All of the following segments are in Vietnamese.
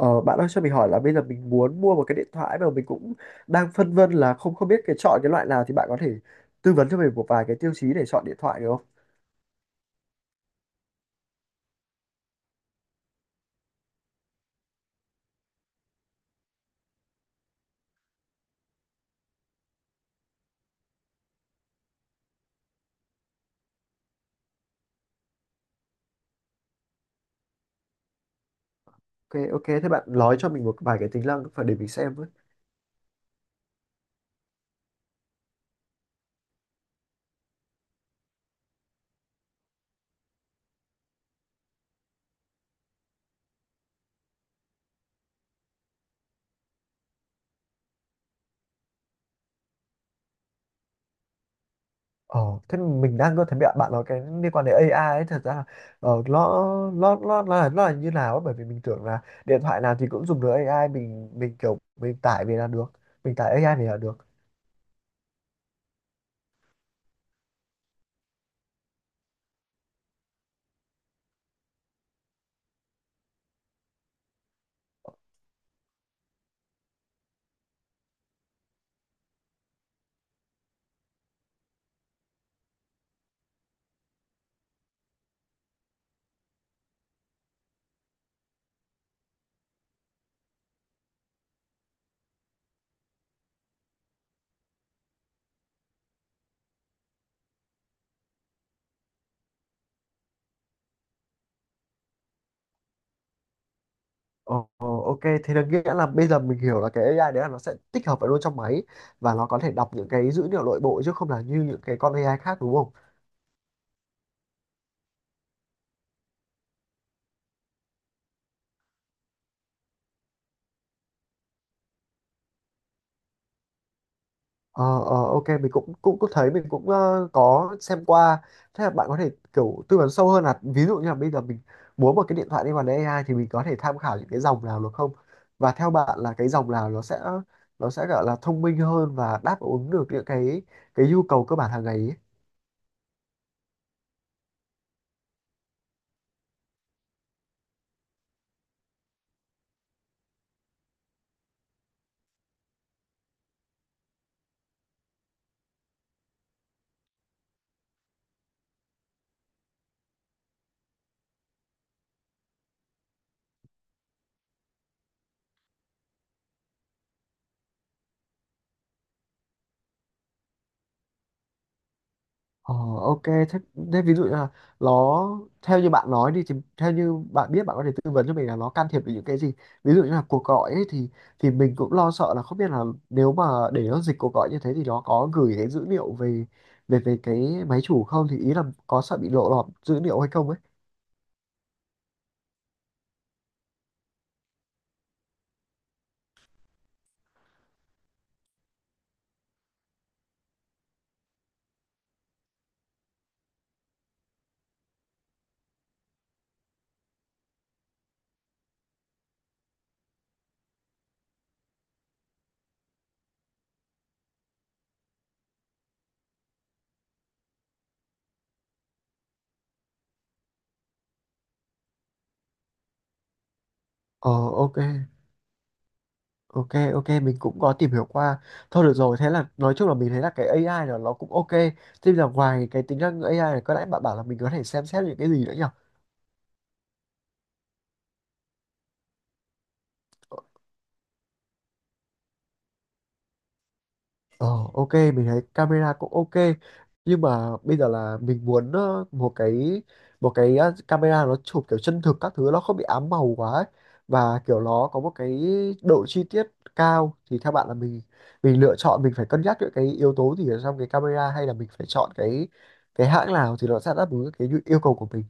Ờ, Bạn ơi cho mình hỏi là bây giờ mình muốn mua một cái điện thoại mà mình cũng đang phân vân là không không biết chọn cái loại nào thì bạn có thể tư vấn cho mình một vài cái tiêu chí để chọn điện thoại được không? Ok, ok, thế bạn nói cho mình một vài cái tính năng phải để mình xem với. Ờ, Thế mình đang có thấy bạn bạn nói cái liên quan đến AI ấy, thật ra là ờ, nó nó là như nào ấy, bởi vì mình tưởng là điện thoại nào thì cũng dùng được AI, mình kiểu mình tải về là được, mình tải AI về là được. Ồ, ok, thế là nghĩa là bây giờ mình hiểu là cái AI đấy là nó sẽ tích hợp vào luôn trong máy và nó có thể đọc những cái dữ liệu nội bộ chứ không là như những cái con AI khác, đúng không? Ờ, ờ, ok, mình cũng cũng cũng thấy mình cũng có xem qua. Thế là bạn có thể kiểu tư vấn sâu hơn là ví dụ như là bây giờ mình muốn một cái điện thoại đi vào AI thì mình có thể tham khảo những cái dòng nào được không? Và theo bạn là cái dòng nào nó sẽ gọi là thông minh hơn và đáp ứng được những cái nhu cầu cơ bản hàng ngày ý? Ờ, ok, thế ví dụ như là nó, theo như bạn nói đi, thì theo như bạn biết, bạn có thể tư vấn cho mình là nó can thiệp về những cái gì, ví dụ như là cuộc gọi ấy, thì mình cũng lo sợ là không biết là, nếu mà để nó dịch cuộc gọi như thế thì nó có gửi cái dữ liệu về về về cái máy chủ không, thì ý là có sợ bị lộ lọt dữ liệu hay không ấy. Ờ ok, ok, ok, mình cũng có tìm hiểu qua. Thôi được rồi, thế là nói chung là mình thấy là cái AI là nó cũng ok. Thế là ngoài cái tính năng AI này có lẽ bạn bảo là mình có thể xem xét những cái gì nữa nhỉ? Ờ, ok, mình thấy camera cũng ok, nhưng mà bây giờ là mình muốn một cái camera nó chụp kiểu chân thực các thứ, nó không bị ám màu quá ấy. Và kiểu nó có một cái độ chi tiết cao, thì theo bạn là mình lựa chọn mình phải cân nhắc những cái yếu tố gì ở trong cái camera, hay là mình phải chọn cái hãng nào thì nó sẽ đáp ứng cái yêu cầu của mình.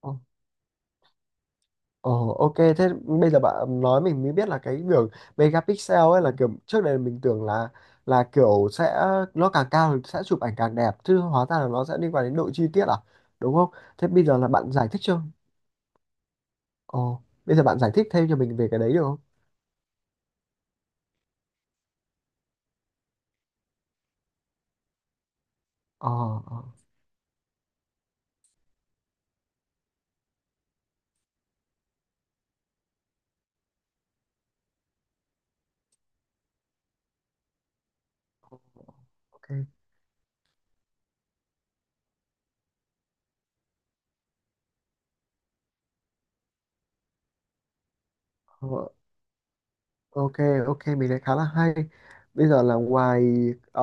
Ờ. Ồ, ok, thế bây giờ bạn nói mình mới biết là cái đường megapixel ấy, là kiểu trước đây mình tưởng là kiểu sẽ nó càng cao thì sẽ chụp ảnh càng đẹp, chứ hóa ra là nó sẽ liên quan đến độ chi tiết à, đúng không? Thế bây giờ là bạn giải thích chưa? Ồ, bây giờ bạn giải thích thêm cho mình về cái đấy được không? Ờ, ờ, ok. Ờ. Ok, ok, mình thấy khá là hay. Bây giờ là ờ,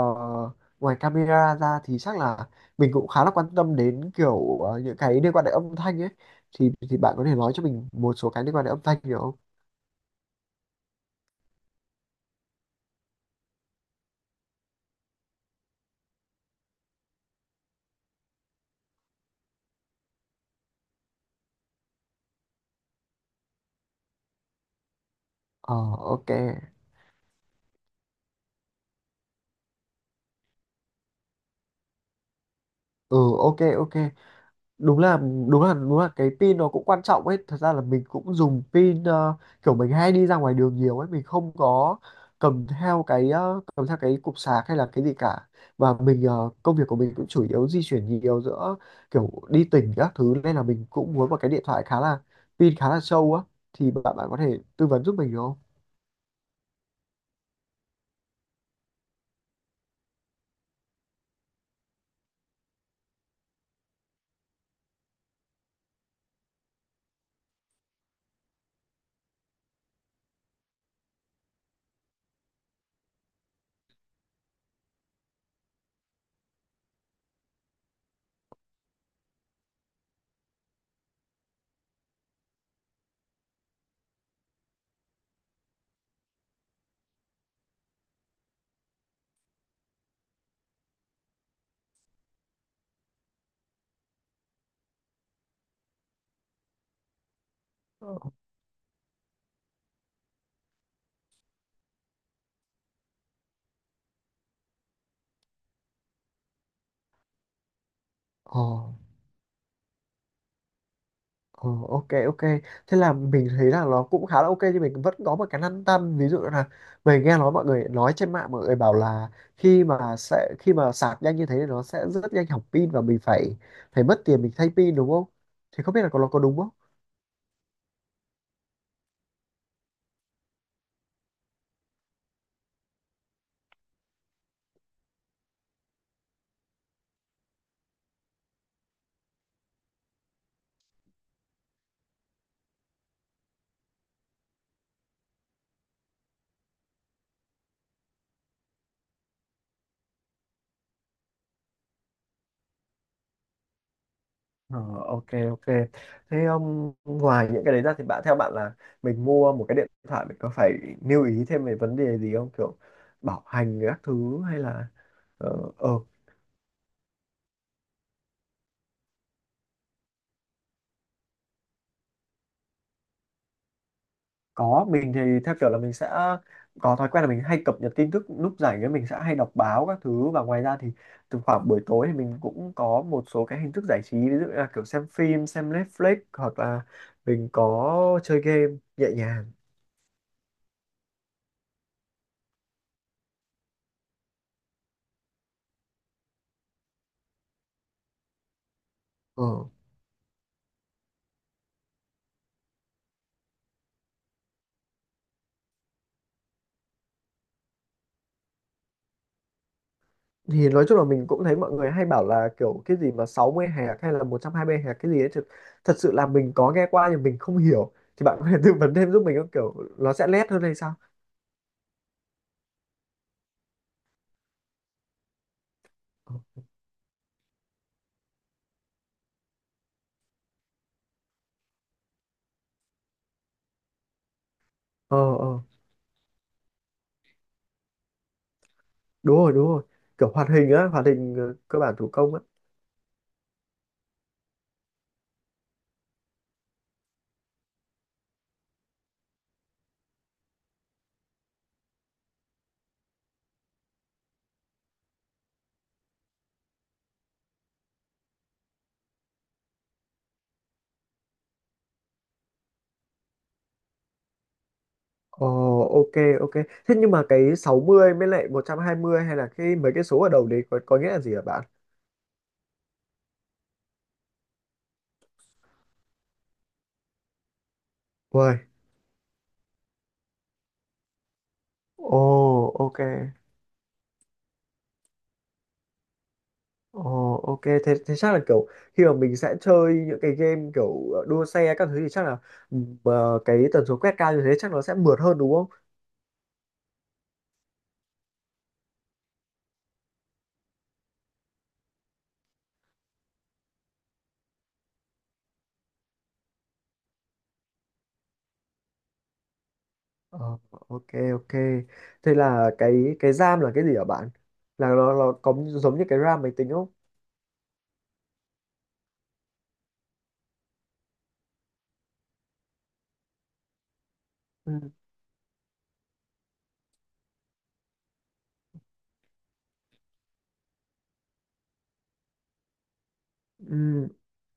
ngoài camera ra thì chắc là mình cũng khá là quan tâm đến kiểu những cái liên quan đến âm thanh ấy. Thì bạn có thể nói cho mình một số cái liên quan đến âm thanh được không? Ờ, ok. Ừ, ok, ok. đúng là đúng là cái pin nó cũng quan trọng ấy, thật ra là mình cũng dùng pin, kiểu mình hay đi ra ngoài đường nhiều ấy, mình không có cầm theo cái cục sạc hay là cái gì cả. Và mình công việc của mình cũng chủ yếu di chuyển nhiều giữa kiểu đi tỉnh các thứ, nên là mình cũng muốn một cái điện thoại khá là pin, khá là sâu á, thì bạn bạn có thể tư vấn giúp mình được không? Ờ. Ờ. Ờ, ok, ok, thế là mình thấy là nó cũng khá là ok, nhưng mình vẫn có một cái lăn tăn, ví dụ là mình nghe nói mọi người nói trên mạng, mọi người bảo là khi mà sẽ khi mà sạc nhanh như thế thì nó sẽ rất nhanh hỏng pin và mình phải phải mất tiền mình thay pin, đúng không, thì không biết là nó có đúng không? Ờ, ok, ok, thế ngoài những cái đấy ra thì bạn, theo bạn là mình mua một cái điện thoại mình có phải lưu ý thêm về vấn đề gì không, kiểu bảo hành các thứ hay là ờ Có, mình thì theo kiểu là mình sẽ có thói quen là mình hay cập nhật tin tức lúc rảnh ấy, mình sẽ hay đọc báo các thứ, và ngoài ra thì từ khoảng buổi tối thì mình cũng có một số cái hình thức giải trí, ví dụ như là kiểu xem phim, xem Netflix, hoặc là mình có chơi game nhẹ nhàng. Ờ. Thì nói chung là mình cũng thấy mọi người hay bảo là kiểu cái gì mà 60 hạt hay là 120 hạt cái gì ấy, thật sự là mình có nghe qua nhưng mình không hiểu, thì bạn có thể tư vấn thêm giúp mình không, kiểu nó sẽ lét hơn hay sao? Ừ. Ờ, ờ. Đúng rồi, đúng rồi, kiểu hoạt hình á, cơ bản thủ công á. Ồ, ok, ok, thế nhưng mà cái 60 mới lại 120, hay là cái mấy cái số ở đầu đấy có nghĩa là gì hả bạn? Uầy, ồ, ok. Ồ, ok, thế chắc là kiểu khi mà mình sẽ chơi những cái game kiểu đua xe các thứ thì chắc là cái tần số quét cao như thế chắc nó sẽ mượt hơn, đúng không? Ờ, ok, ok, thế là cái RAM là cái gì hả bạn, là nó có giống như cái RAM máy tính không? Ừ.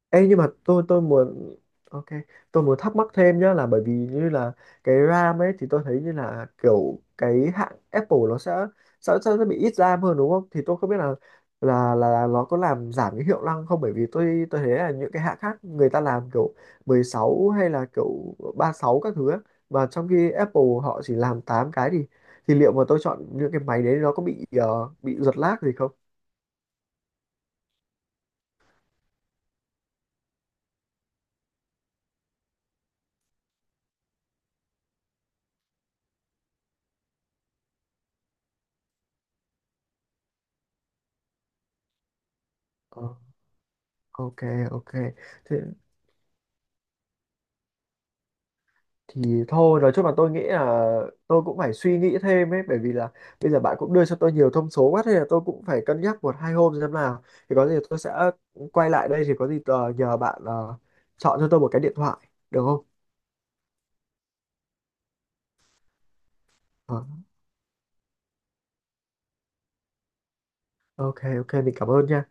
Ê, nhưng mà tôi muốn ok, tôi muốn thắc mắc thêm nhá, là bởi vì như là cái RAM ấy thì tôi thấy như là kiểu cái hãng Apple nó sẽ bị ít RAM hơn, đúng không, thì tôi không biết là nó có làm giảm cái hiệu năng không, bởi vì tôi thấy là những cái hãng khác người ta làm kiểu 16 hay là kiểu 36 các thứ ấy. Và trong khi Apple họ chỉ làm 8 cái thì liệu mà tôi chọn những cái máy đấy nó có bị bị giật lag gì không? Ờ, ok, ok, thế thì thôi nói chung là tôi nghĩ là tôi cũng phải suy nghĩ thêm ấy, bởi vì là bây giờ bạn cũng đưa cho tôi nhiều thông số quá, thế là tôi cũng phải cân nhắc một hai hôm xem nào, thì có gì tôi sẽ quay lại đây, thì có gì nhờ bạn chọn cho tôi một cái điện thoại được không? Ờ, ok, ok, mình cảm ơn nha.